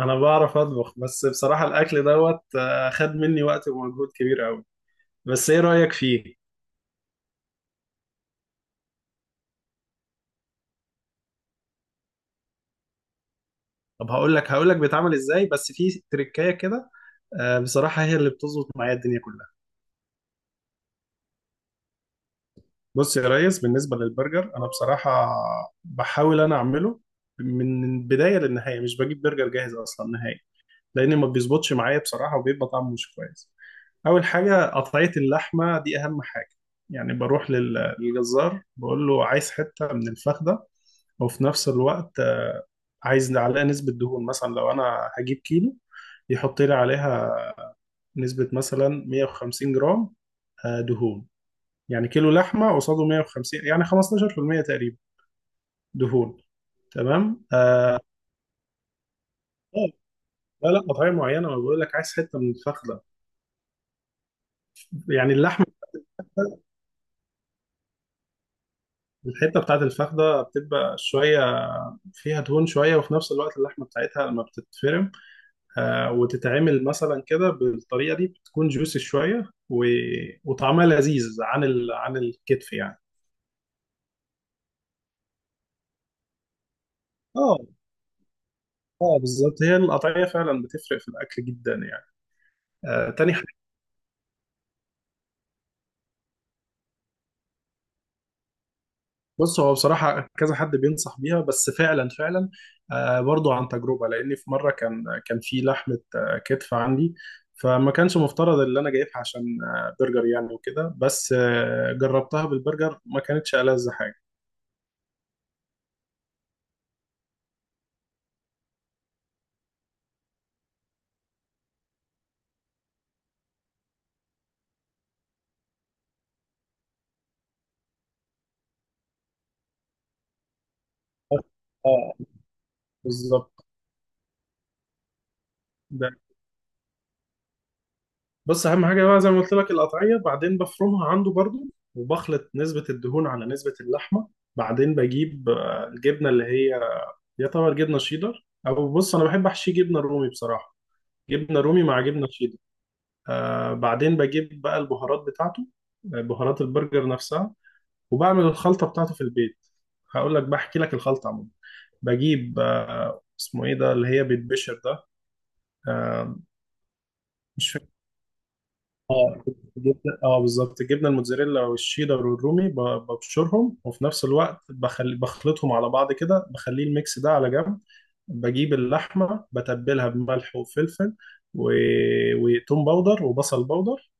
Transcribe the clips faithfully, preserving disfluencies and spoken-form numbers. انا بعرف اطبخ، بس بصراحة الاكل دوت آه، خد مني وقت ومجهود كبير قوي. بس ايه رأيك فيه؟ طب هقول لك هقول لك بيتعمل ازاي، بس في تريكاية كده. آه، بصراحة هي اللي بتظبط معايا الدنيا كلها. بص يا ريس، بالنسبة للبرجر انا بصراحة بحاول انا اعمله من البداية للنهاية، مش بجيب برجر جاهز اصلا نهائي، لان ما بيظبطش معايا بصراحة وبيبقى طعمه مش كويس. اول حاجه قطعيه اللحمه دي اهم حاجه. يعني بروح لل- للجزار بقول له عايز حته من الفخده، وفي نفس الوقت آه، عايز عليها نسبة دهون. مثلا لو أنا هجيب كيلو، يحط لي عليها نسبة مثلا مية وخمسين جرام، آه، دهون. يعني كيلو لحمة قصاده مية وخمسين، يعني خمسة عشر بالمئة تقريبا دهون. تمام. آه. لا لا قطعية معينة، ما بقول لك عايز حتة من الفخدة. يعني اللحمة، الحتة بتاعت الفخدة بتبقى شوية فيها دهون شوية، وفي نفس الوقت اللحمة بتاعتها لما بتتفرم آه، وتتعمل مثلا كده بالطريقه دي بتكون جوسي شويه و... وطعمها لذيذ عن ال... عن الكتف يعني. اه. اه بالظبط، هي القطعيه فعلا بتفرق في الاكل جدا يعني. آه، تاني حاجه، بص، هو بصراحه كذا حد بينصح بيها، بس فعلا فعلا آه برضو عن تجربه. لاني في مره كان كان في لحمه آه كتف عندي، فما كانش مفترض اللي انا جايبها عشان آه برجر يعني وكده، بس آه جربتها بالبرجر ما كانتش ألذ حاجه. اه. آه، بالظبط. بص، اهم حاجه بقى زي ما قلت لك القطعيه، بعدين بفرمها عنده برضو وبخلط نسبه الدهون على نسبه اللحمه. بعدين بجيب آه، الجبنه اللي هي يعتبر جبنه شيدر، او بص انا بحب احشي جبنه رومي بصراحه، جبنه رومي مع جبنه شيدر. آه، بعدين بجيب بقى البهارات بتاعته، آه، بهارات البرجر نفسها، وبعمل الخلطه بتاعته في البيت. هقول لك، بحكي لك الخلطه عموما. بجيب آه، اسمه ايه ده، اللي هي بيتبشر ده، آه، مش، اه، الجبنة- اه بالظبط، الجبنه الموتزاريلا والشيدر والرومي، ب- ببشرهم وفي نفس الوقت بخلي بخلطهم على بعض كده، بخلي الميكس ده على جنب. بجيب اللحمه بتبلها بملح وفلفل و... وتوم باودر وبصل باودر.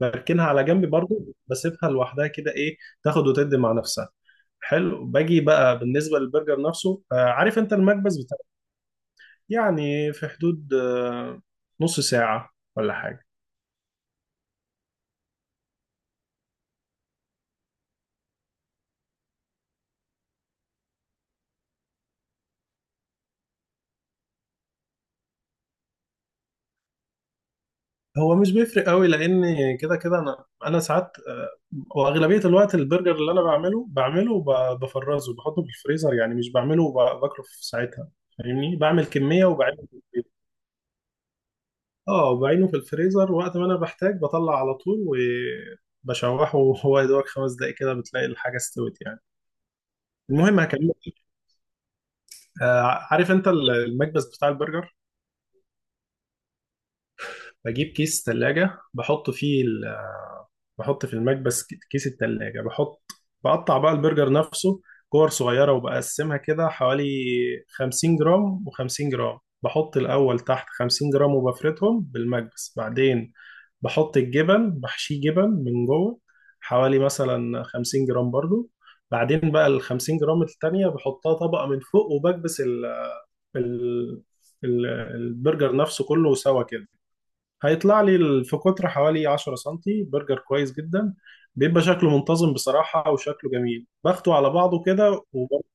بركنها على جنب برضو، بسيبها لوحدها كده، ايه، تاخد وتدي مع نفسها. حلو. باجي بقى بالنسبه للبرجر نفسه. آه، عارف انت المكبس بتاع؟ يعني في حدود آه، نص ساعه ولا حاجه. هو مش بيفرق قوي، لان كده كده انا انا ساعات، آه، واغلبيه الوقت البرجر اللي انا بعمله بعمله وبفرزه بحطه في الفريزر، يعني مش بعمله وباكله في ساعتها. فاهمني، بعمل كميه وبعينه في الفريزر. اه، بعينه في الفريزر، وقت ما انا بحتاج بطلع على طول وبشوحه، وهو يا دوبك خمس دقايق كده بتلاقي الحاجه استوت يعني. المهم، هكمل. آه، عارف انت المكبس بتاع البرجر؟ بجيب كيس ثلاجه بحط فيه، بحط في المكبس ك- كيس التلاجة، بحط، بقطع بقى البرجر نفسه كور صغيرة وبقسمها كده حوالي خمسين جرام و50 جرام. بحط الأول تحت خمسين جرام وبفردهم بالمكبس، بعدين بحط الجبن بحشيه جبن من جوه، حوالي مثلا خمسين جرام برضو. بعدين بقى ال خمسين جرام التانية بحطها طبقة من فوق، وبكبس ال ال ال- البرجر نفسه كله سوا كده. هيطلع لي ال- في قطر حوالي عشرة سنتي برجر كويس جدا، بيبقى شكله منتظم بصراحة وشكله جميل، باخده على بعضه كده. وبرضه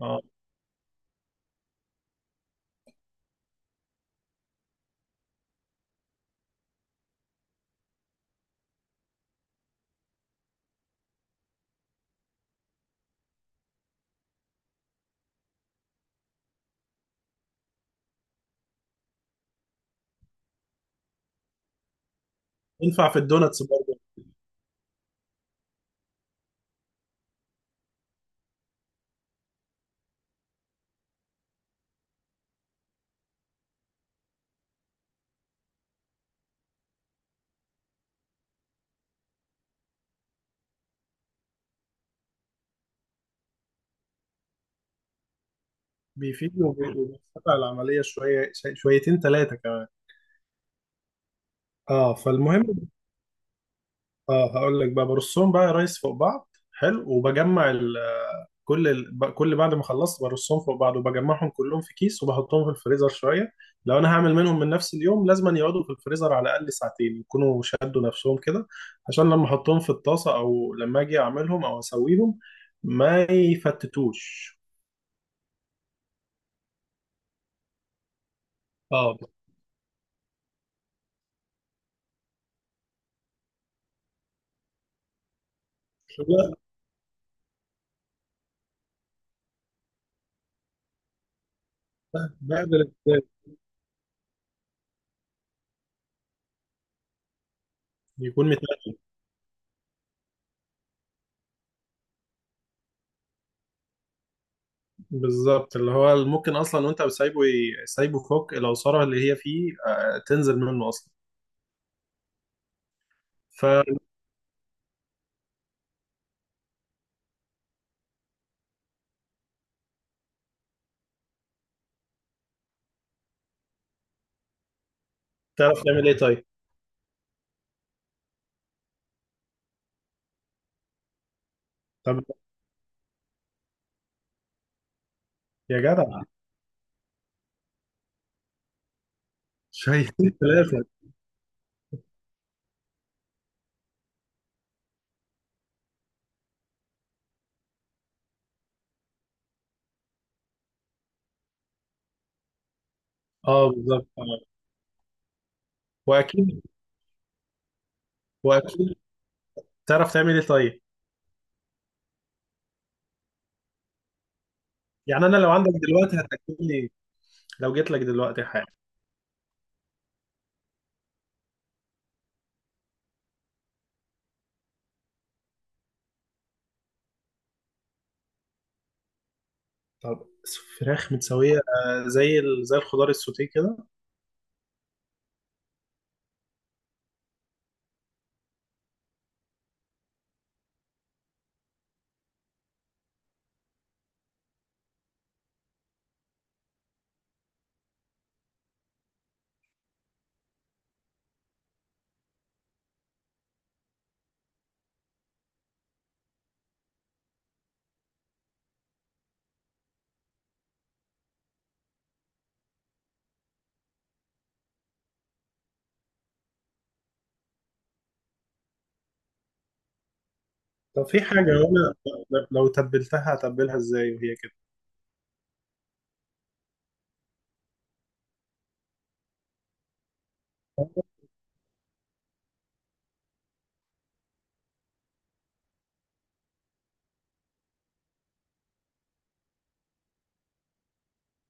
آه، ينفع في الدوناتس برضه. بيفيد وبيفتح العملية شوية شويتين ثلاثة كمان. اه، فالمهم، اه، هقول لك بقى برصهم بقى يا ريس فوق بعض حلو، وبجمع ال، كل ال، ب- كل بعد ما خلصت برصهم فوق بعض وبجمعهم كلهم في كيس وبحطهم في الفريزر شويه. لو انا هعمل منهم من نفس اليوم، لازم يقعدوا في الفريزر على الاقل ساعتين يكونوا شدوا نفسهم كده، عشان لما احطهم في الطاسه او لما اجي اعملهم او اسويهم ما يفتتوش. اه. لا، بعد الاحتكاك يكون متاكد. بالظبط، اللي هو ممكن اصلا وانت سايبه سايبه فوق العصاره اللي هي فيه آه، تنزل منه اصلا. فتعرف تعمل ايه طيب؟ طب يا جدع، شهيتين ثلاثة. اه بالظبط. آه. واكيد. واكيد. تعرف تعمل ايه طيب؟ يعني انا لو عندك دلوقتي هتاكل لي؟ لو جيت لك دلوقتي حاجة؟ طب، فراخ متسوية آه، زي ال... زي الخضار السوتيه كده؟ طب في حاجة، وانا، لو تبلتها هتبلها ازاي وهي كده؟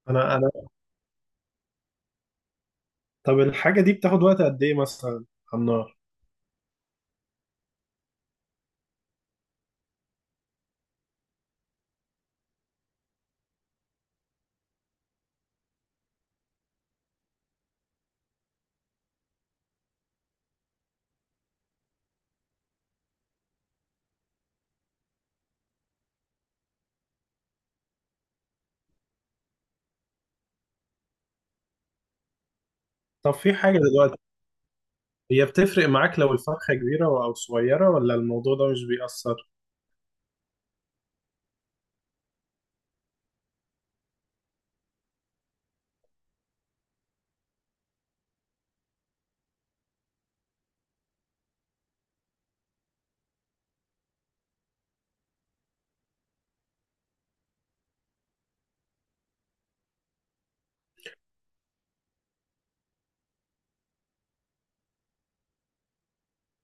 انا انا طب الحاجة دي بتاخد وقت قد ايه مثلا على النار؟ طب في حاجة دلوقتي، هي بتفرق معاك لو الفرخة كبيرة او صغيرة، ولا الموضوع ده مش بيأثر؟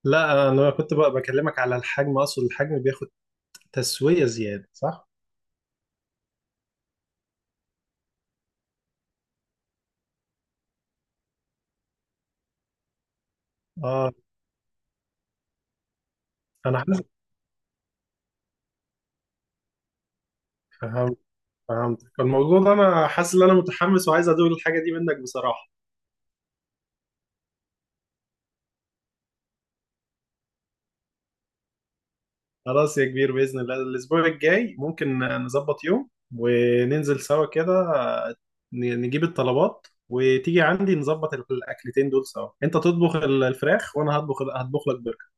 لا، انا كنت بقى بكلمك على الحجم، اقصد الحجم بياخد تسوية زيادة صح؟ اه. انا حاسس، فهمت، فهمتك. الموضوع ده انا حاسس ان انا متحمس وعايز ادوق الحاجة دي منك بصراحة. خلاص يا كبير، بإذن الله الاسبوع الجاي ممكن نظبط يوم وننزل سوا كده، آه، ن- نجيب الطلبات وتيجي عندي نظبط الاكلتين دول سوا، انت تطبخ الفراخ وانا هطبخ هطبخ لك برجر.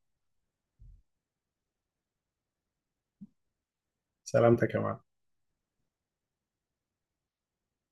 سلامتك يا معلم.